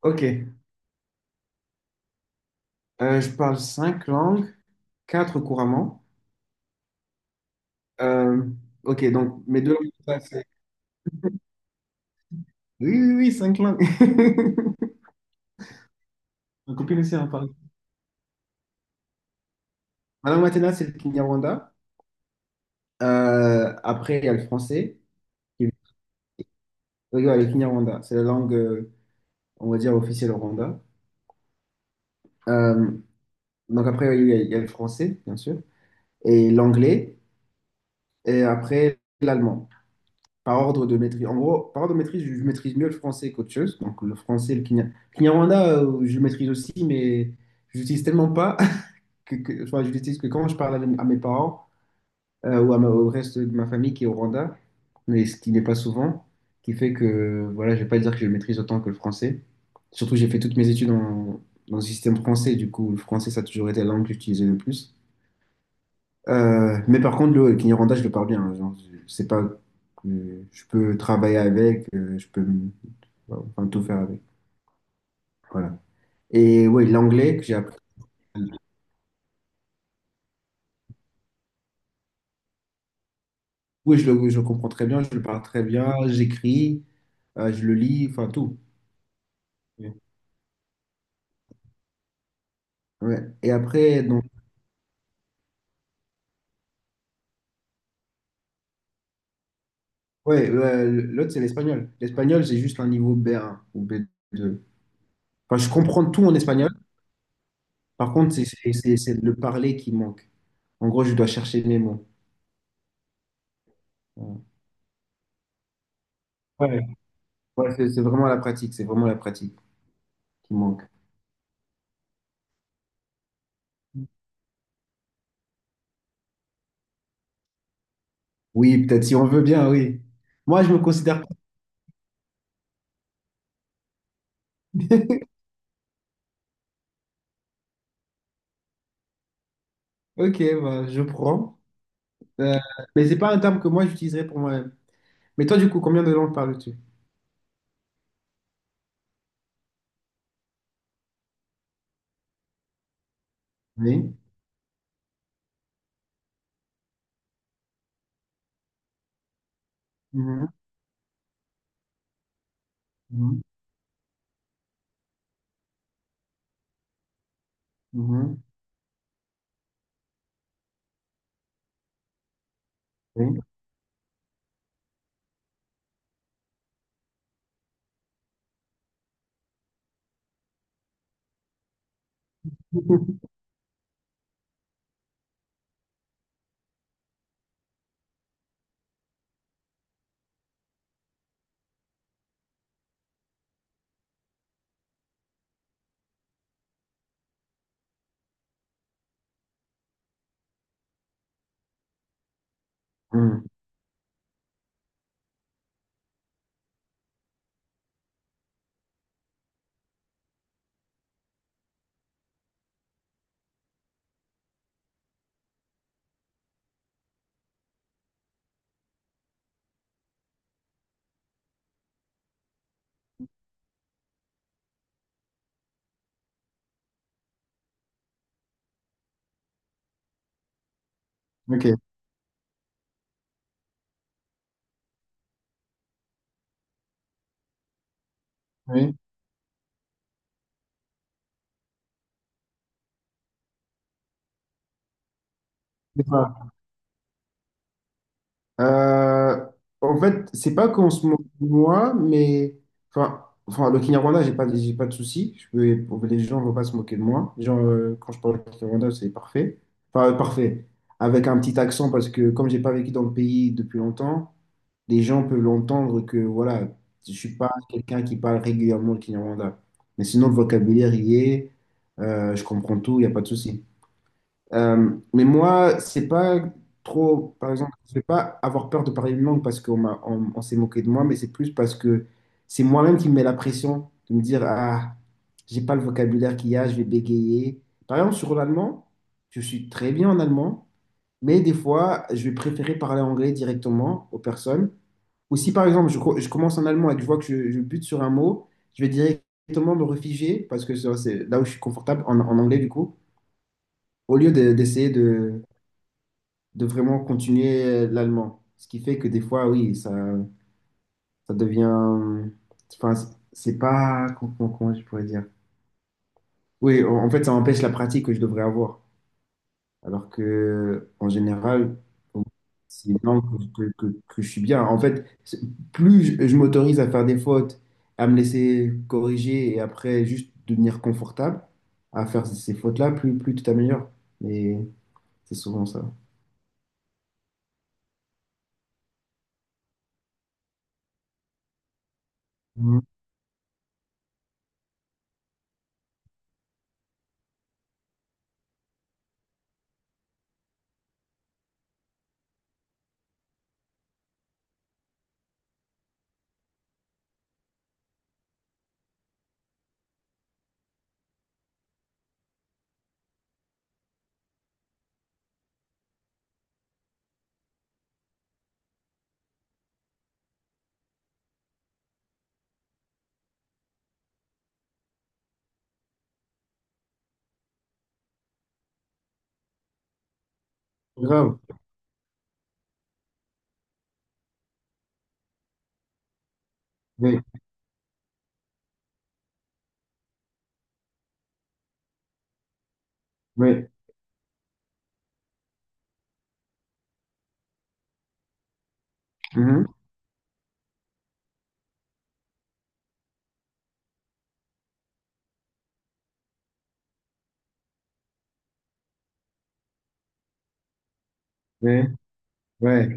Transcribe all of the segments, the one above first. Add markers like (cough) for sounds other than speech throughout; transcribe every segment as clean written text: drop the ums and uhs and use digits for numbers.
Ok. Je parle cinq langues, quatre couramment. Euh, ok, donc mes deux langues, ça, c'est- Oui, oui, oui, cinq langues. (laughs) Ma copine aussi en parle. Ma langue maternelle, c'est le Kinyarwanda. Après, il y a le français. Oui, ouais, le Kinyarwanda, c'est la langue, on va dire, officielle au Rwanda. Euh, donc après, oui, il y a, le français, bien sûr, et l'anglais, et après, l'allemand. Par ordre de maîtrise. En gros, par ordre de maîtrise, je maîtrise mieux le français qu'autre chose. Donc le français, le kenya- Kinyarwanda, je le maîtrise aussi, mais je l'utilise tellement pas (laughs) enfin, je l'utilise que quand je parle à mes parents ou à ma- au reste de ma famille qui est au Rwanda, mais ce qui n'est pas souvent, qui fait que voilà, je vais pas dire que je le maîtrise autant que le français. Surtout, j'ai fait toutes mes études en- dans le système français, du coup, le français, ça a toujours été la langue que j'utilisais le plus. Mais par contre, le Kinyarwanda, je le parle bien. Genre, je- c'est pas que je peux travailler avec, je peux m- enfin, tout faire avec. Voilà. Et oui, l'anglais que j'ai appris. Oui, je le comprends très bien, je le parle très bien, j'écris, je le lis, enfin tout. Ouais. Et après, donc, ouais, l'autre, c'est l'espagnol. L'espagnol, c'est juste un niveau B1 ou B2. Enfin, je comprends tout en espagnol. Par contre, c'est le parler qui manque. En gros, je dois chercher mes mots. Ouais, ouais, c'est vraiment la pratique. C'est vraiment la pratique qui manque. Oui, peut-être si on veut bien, oui. Moi, je me considère pas. Ok, bah, je prends. Euh, mais c'est pas un terme que moi j'utiliserais pour moi-même. Mais toi, du coup, combien de langues parles-tu? Oui. Mhm, mhm, mhm. Oui. (laughs) Mhm. Ok. Oui. Euh, En fait, c'est pas qu'en ce moment, moi, mais enfin, le Kinyarwanda, j'ai pas de souci. Je peux, pour- les gens vont pas se moquer de moi. Les gens, quand je parle Kinyarwanda, c'est parfait. Enfin, parfait. Avec un petit accent, parce que comme j'ai pas vécu dans le pays depuis longtemps, les gens peuvent l'entendre que voilà, je suis pas quelqu'un qui parle régulièrement le Kinyarwanda. Mais sinon, le vocabulaire y est, je comprends tout, il n'y a pas de souci. Mais moi, c'est pas trop, par exemple, je vais pas avoir peur de parler une langue parce qu'on s'est moqué de moi, mais c'est plus parce que c'est moi-même qui me mets la pression de me dire, ah, j'ai pas le vocabulaire qu'il y a, je vais bégayer. Par exemple, sur l'allemand, je suis très bien en allemand, mais des fois, je vais préférer parler anglais directement aux personnes. Ou si, par exemple, co- je commence en allemand et que je vois que je bute sur un mot, je vais directement me réfugier parce que ça, c'est là où je suis confortable en, en anglais, du coup, au lieu de- d'essayer de vraiment continuer l'allemand. Ce qui fait que des fois, oui, ça devient... Enfin, c'est pas... Comment, comment je pourrais dire? Oui, en fait, ça empêche la pratique que je devrais avoir. Alors que, en général, bon, c'est une langue que je suis bien. En fait, c'est- plus je m'autorise à faire des fautes, à me laisser corriger et après juste devenir confortable à faire ces fautes-là, plus tu t'améliores. Mais c'est souvent ça. Mhm. Grave. Oui, oui. Mhm. Oui. Ouais.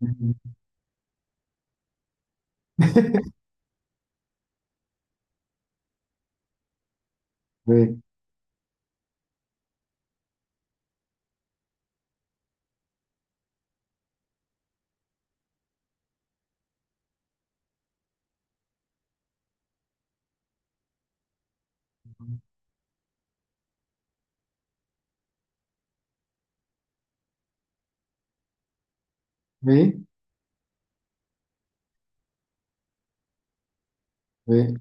Mhm. (laughs) Oui, oui, oui.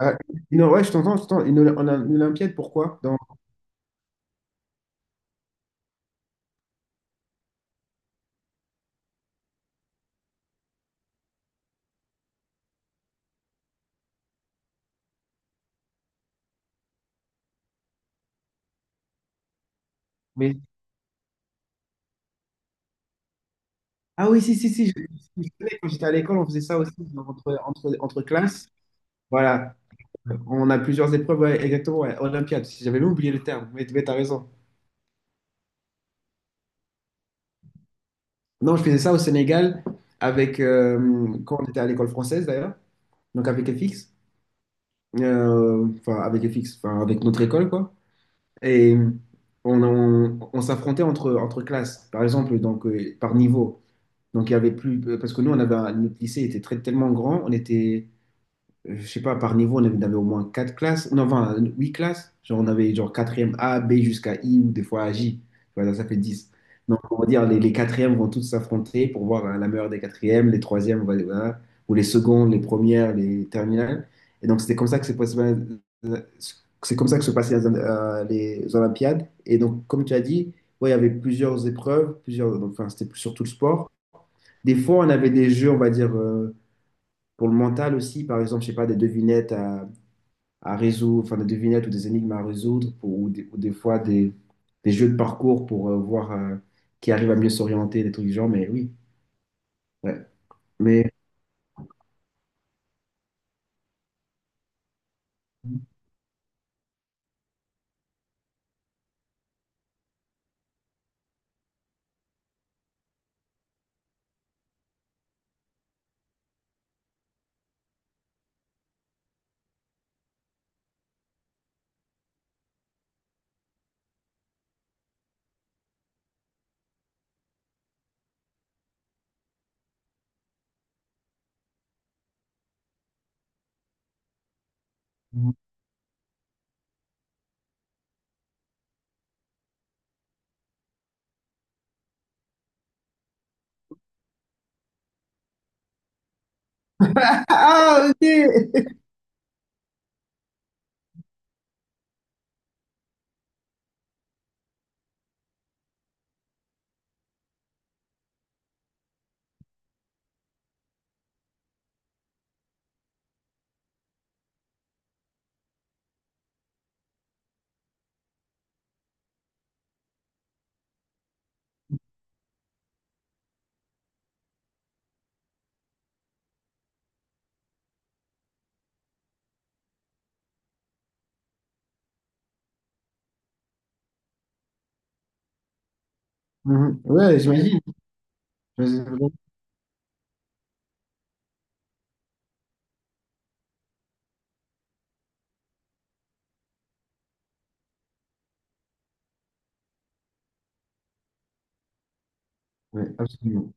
Ah, non, ouais, je t'entends. Une, Oly- en- une Olympiade, pourquoi? Dans... Mais... Ah oui, si, si, si. Je connais, quand j'étais à l'école, on faisait ça aussi dans- entre classes. Voilà. On a plusieurs épreuves, ouais, exactement. Ouais, Olympiade. Si j'avais même oublié le terme, mais, t'as raison. Non, je faisais ça au Sénégal avec, quand on était à l'école française d'ailleurs, donc avec FX. Enfin, avec FX, enfin, avec notre école, quoi. Et on s'affrontait entre, classes, par exemple, donc, par niveau. Donc, il y avait plus, parce que nous, on avait un- notre lycée était très, tellement grand, on était, je sais pas, par niveau, on avait au moins quatre classes, non, enfin, huit classes. Genre, on avait genre quatrième A, B jusqu'à I ou des fois à J. Voilà, ça fait 10. Donc, on va dire, les quatrièmes vont toutes s'affronter pour voir hein, la meilleure des quatrièmes, les troisièmes, on va- voilà, ou les secondes, les premières, les terminales. Et donc, c'était comme ça que c'est possible. C'est comme ça que se passaient les Olympiades. Et donc, comme tu as dit, ouais, il y avait plusieurs épreuves, plusieurs, donc, enfin, c'était plus surtout le sport. Des fois, on avait des jeux, on va dire, pour le mental aussi, par exemple, je sais pas, des devinettes à résoudre, enfin des devinettes ou des énigmes à résoudre pour- ou des fois des jeux de parcours pour voir qui arrive à mieux s'orienter, des trucs du genre, mais oui, ouais. Mais... Ah, ok! (laughs) Mhm. Ouais, j'imagine. J'imagine. Ouais, absolument.